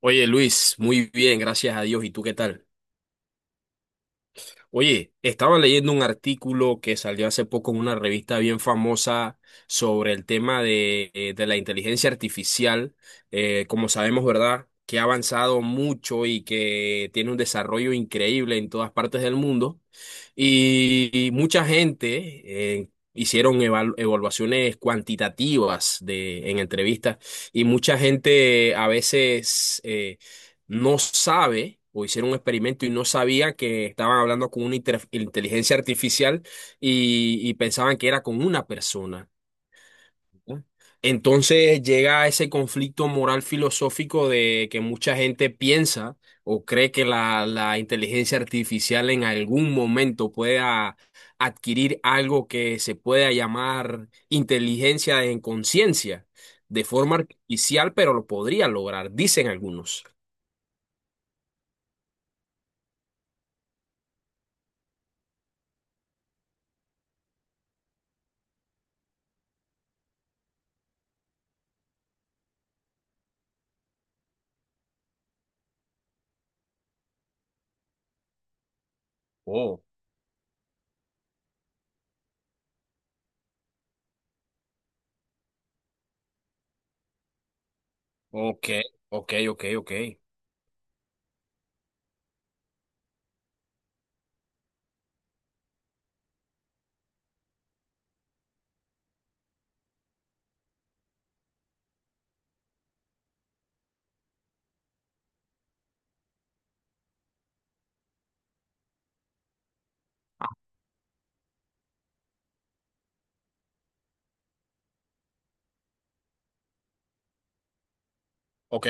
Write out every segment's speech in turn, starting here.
Oye Luis, muy bien, gracias a Dios. ¿Y tú qué tal? Oye, estaba leyendo un artículo que salió hace poco en una revista bien famosa sobre el tema de la inteligencia artificial. Como sabemos, ¿verdad? Que ha avanzado mucho y que tiene un desarrollo increíble en todas partes del mundo. Y mucha gente hicieron evaluaciones cuantitativas en entrevistas, y mucha gente a veces, no sabe o hicieron un experimento y no sabía que estaban hablando con una inteligencia artificial, y pensaban que era con una persona. ¿No? Entonces llega ese conflicto moral filosófico de que mucha gente piensa o cree que la inteligencia artificial en algún momento pueda adquirir algo que se pueda llamar inteligencia en conciencia de forma artificial, pero lo podría lograr, dicen algunos. Ok, ok, ok, ok. Ah, ok.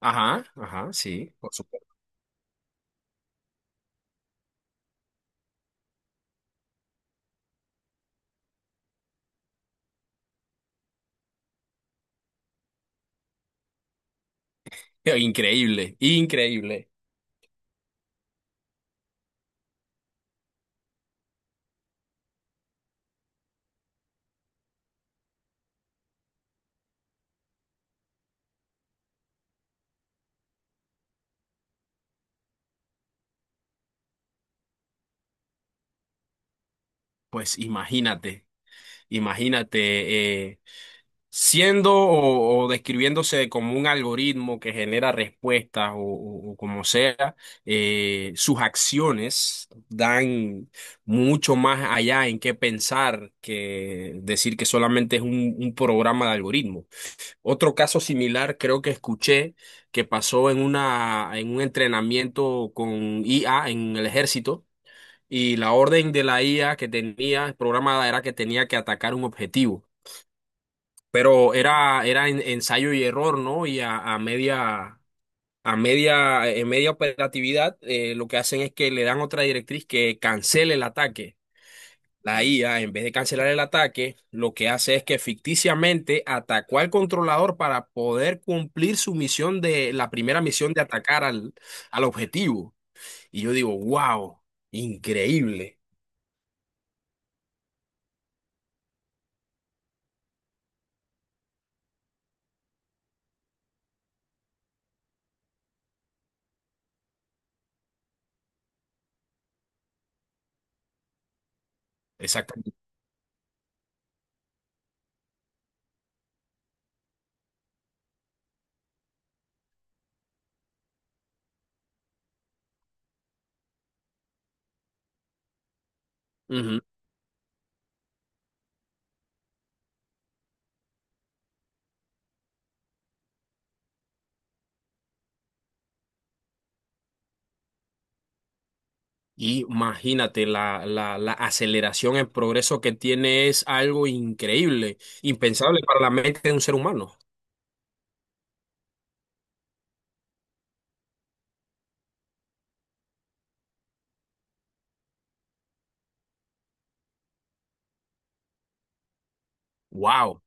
Ajá, ajá, sí, por supuesto. Increíble, increíble. Pues imagínate, imagínate, siendo o describiéndose como un algoritmo que genera respuestas o como sea, sus acciones dan mucho más allá en qué pensar que decir que solamente es un programa de algoritmo. Otro caso similar creo que escuché que pasó en un entrenamiento con IA en el ejército y la orden de la IA que tenía programada era que tenía que atacar un objetivo, pero era ensayo y error, ¿no? Y en media operatividad, lo que hacen es que le dan otra directriz que cancele el ataque. La IA, en vez de cancelar el ataque, lo que hace es que ficticiamente atacó al controlador para poder cumplir su misión de la primera misión de atacar al objetivo. Y yo digo, wow, increíble. Exactamente. Ujú. Y imagínate, la aceleración en progreso que tiene es algo increíble, impensable para la mente de un ser humano. Wow.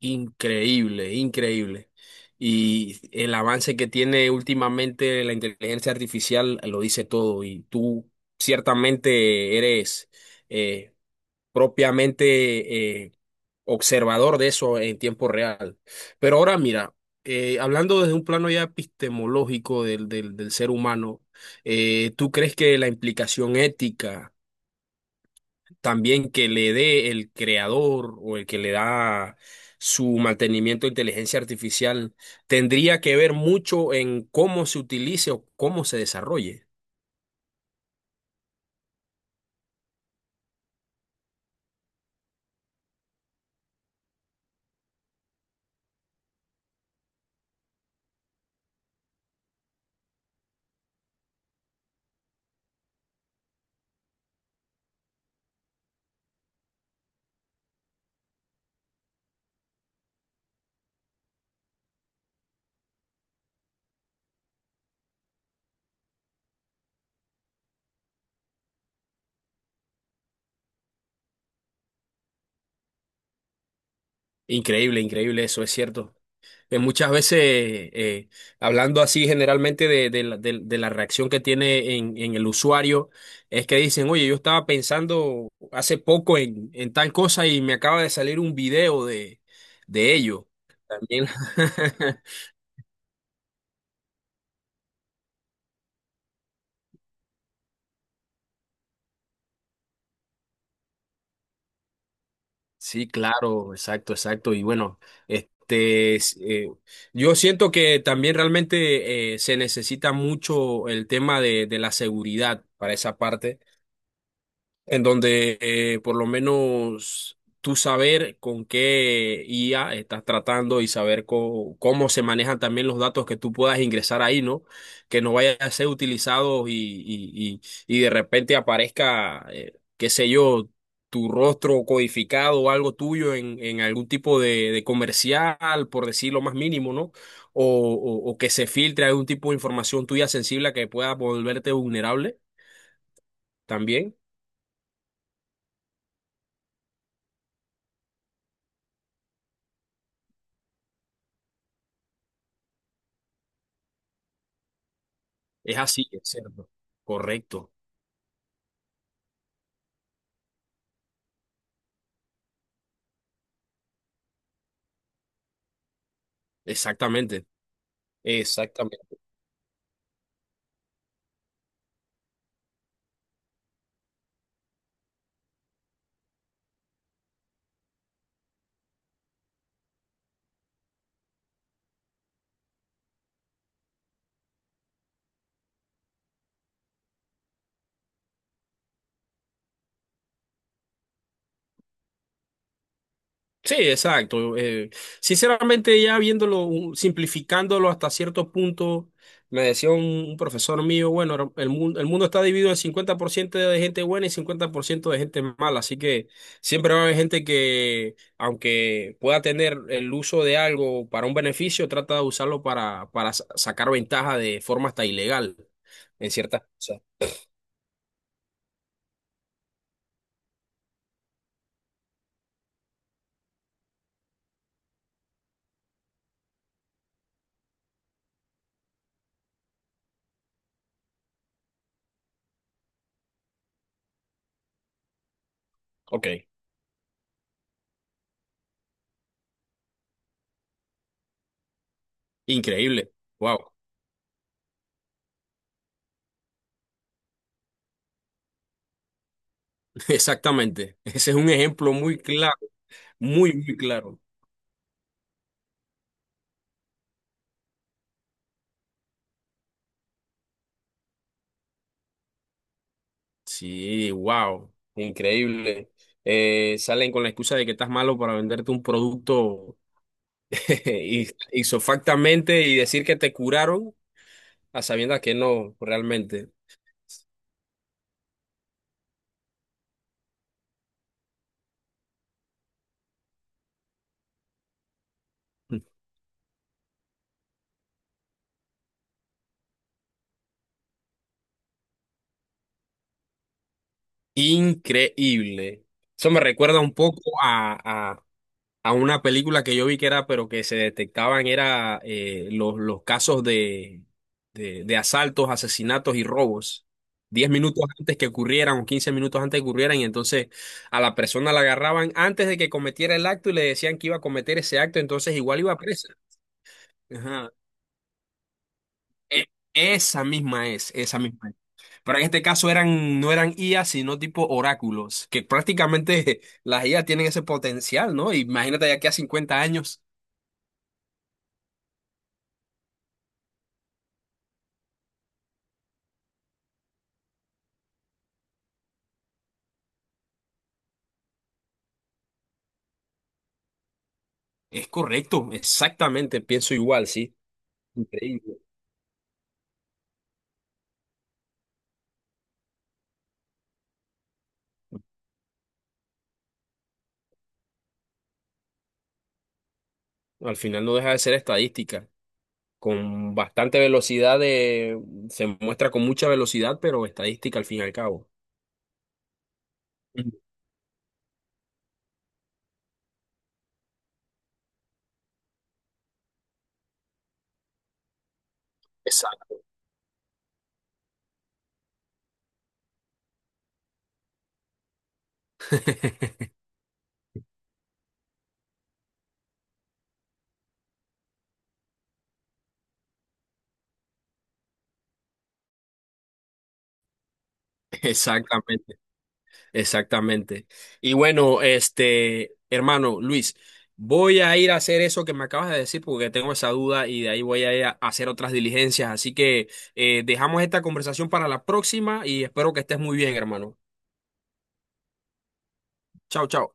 Increíble, increíble. Y el avance que tiene últimamente la inteligencia artificial lo dice todo. Y tú ciertamente eres eh, propiamente observador de eso en tiempo real. Pero ahora mira, hablando desde un plano ya epistemológico del ser humano, ¿tú crees que la implicación ética también que le dé el creador o el que le da su mantenimiento de inteligencia artificial, tendría que ver mucho en cómo se utilice o cómo se desarrolle? Increíble, increíble, eso es cierto. Muchas veces, eh, hablando así generalmente de la reacción que tiene en el usuario, es que dicen, oye, yo estaba pensando hace poco en tal cosa y me acaba de salir un video de ello. También Sí, claro, exacto, exacto. Y bueno, este, s- eh, yo siento que también realmente se necesita mucho el tema de la seguridad para esa parte en donde por lo menos tú saber con qué IA estás tratando y saber cómo se manejan también los datos que tú puedas ingresar ahí, ¿no? Que no vaya a ser utilizados y de repente aparezca, qué sé yo, tu rostro codificado o algo tuyo en algún tipo de comercial, por decir lo más mínimo, ¿no? O, o que se filtre algún tipo de información tuya sensible que pueda volverte vulnerable también. Es así, es cierto. Correcto. Exactamente. Exactamente. Sí, exacto. Sinceramente, ya viéndolo, simplificándolo hasta cierto punto, me decía un profesor mío, bueno, el mundo está dividido en 50% de gente buena y 50% de gente mala, así que siempre va a haber gente que, aunque pueda tener el uso de algo para un beneficio, trata de usarlo para sacar ventaja de forma hasta ilegal en ciertas cosas. Ok, increíble. Wow. Exactamente. Ese es un ejemplo muy claro, muy, muy claro. Sí, wow, increíble. Salen con la excusa de que estás malo para venderte un producto. Y isofactamente y decir que te curaron a sabiendas que no, realmente. Increíble. Eso me recuerda un poco a, una película que yo vi que era, pero que se detectaban era los casos de asaltos, asesinatos y robos. 10 minutos antes que ocurrieran o 15 minutos antes que ocurrieran, y entonces a la persona la agarraban antes de que cometiera el acto y le decían que iba a cometer ese acto, entonces igual iba presa. Ajá. E- Esa misma es, esa misma es. Pero en este caso eran, no eran IA, sino tipo oráculos, que prácticamente las IA tienen ese potencial, ¿no? Imagínate ya que a 50 años. Es correcto, exactamente, pienso igual, sí. Increíble. Al final no deja de ser estadística. Con bastante velocidad se muestra con mucha velocidad, pero estadística al fin y al cabo. Ujú. Exacto. Exactamente, exactamente. Y bueno, este, hermano Luis, voy a ir a hacer eso que me acabas de decir porque tengo esa duda y de ahí voy a ir a hacer otras diligencias. Así que dejamos esta conversación para la próxima y espero que estés muy bien, hermano. Chao, chao.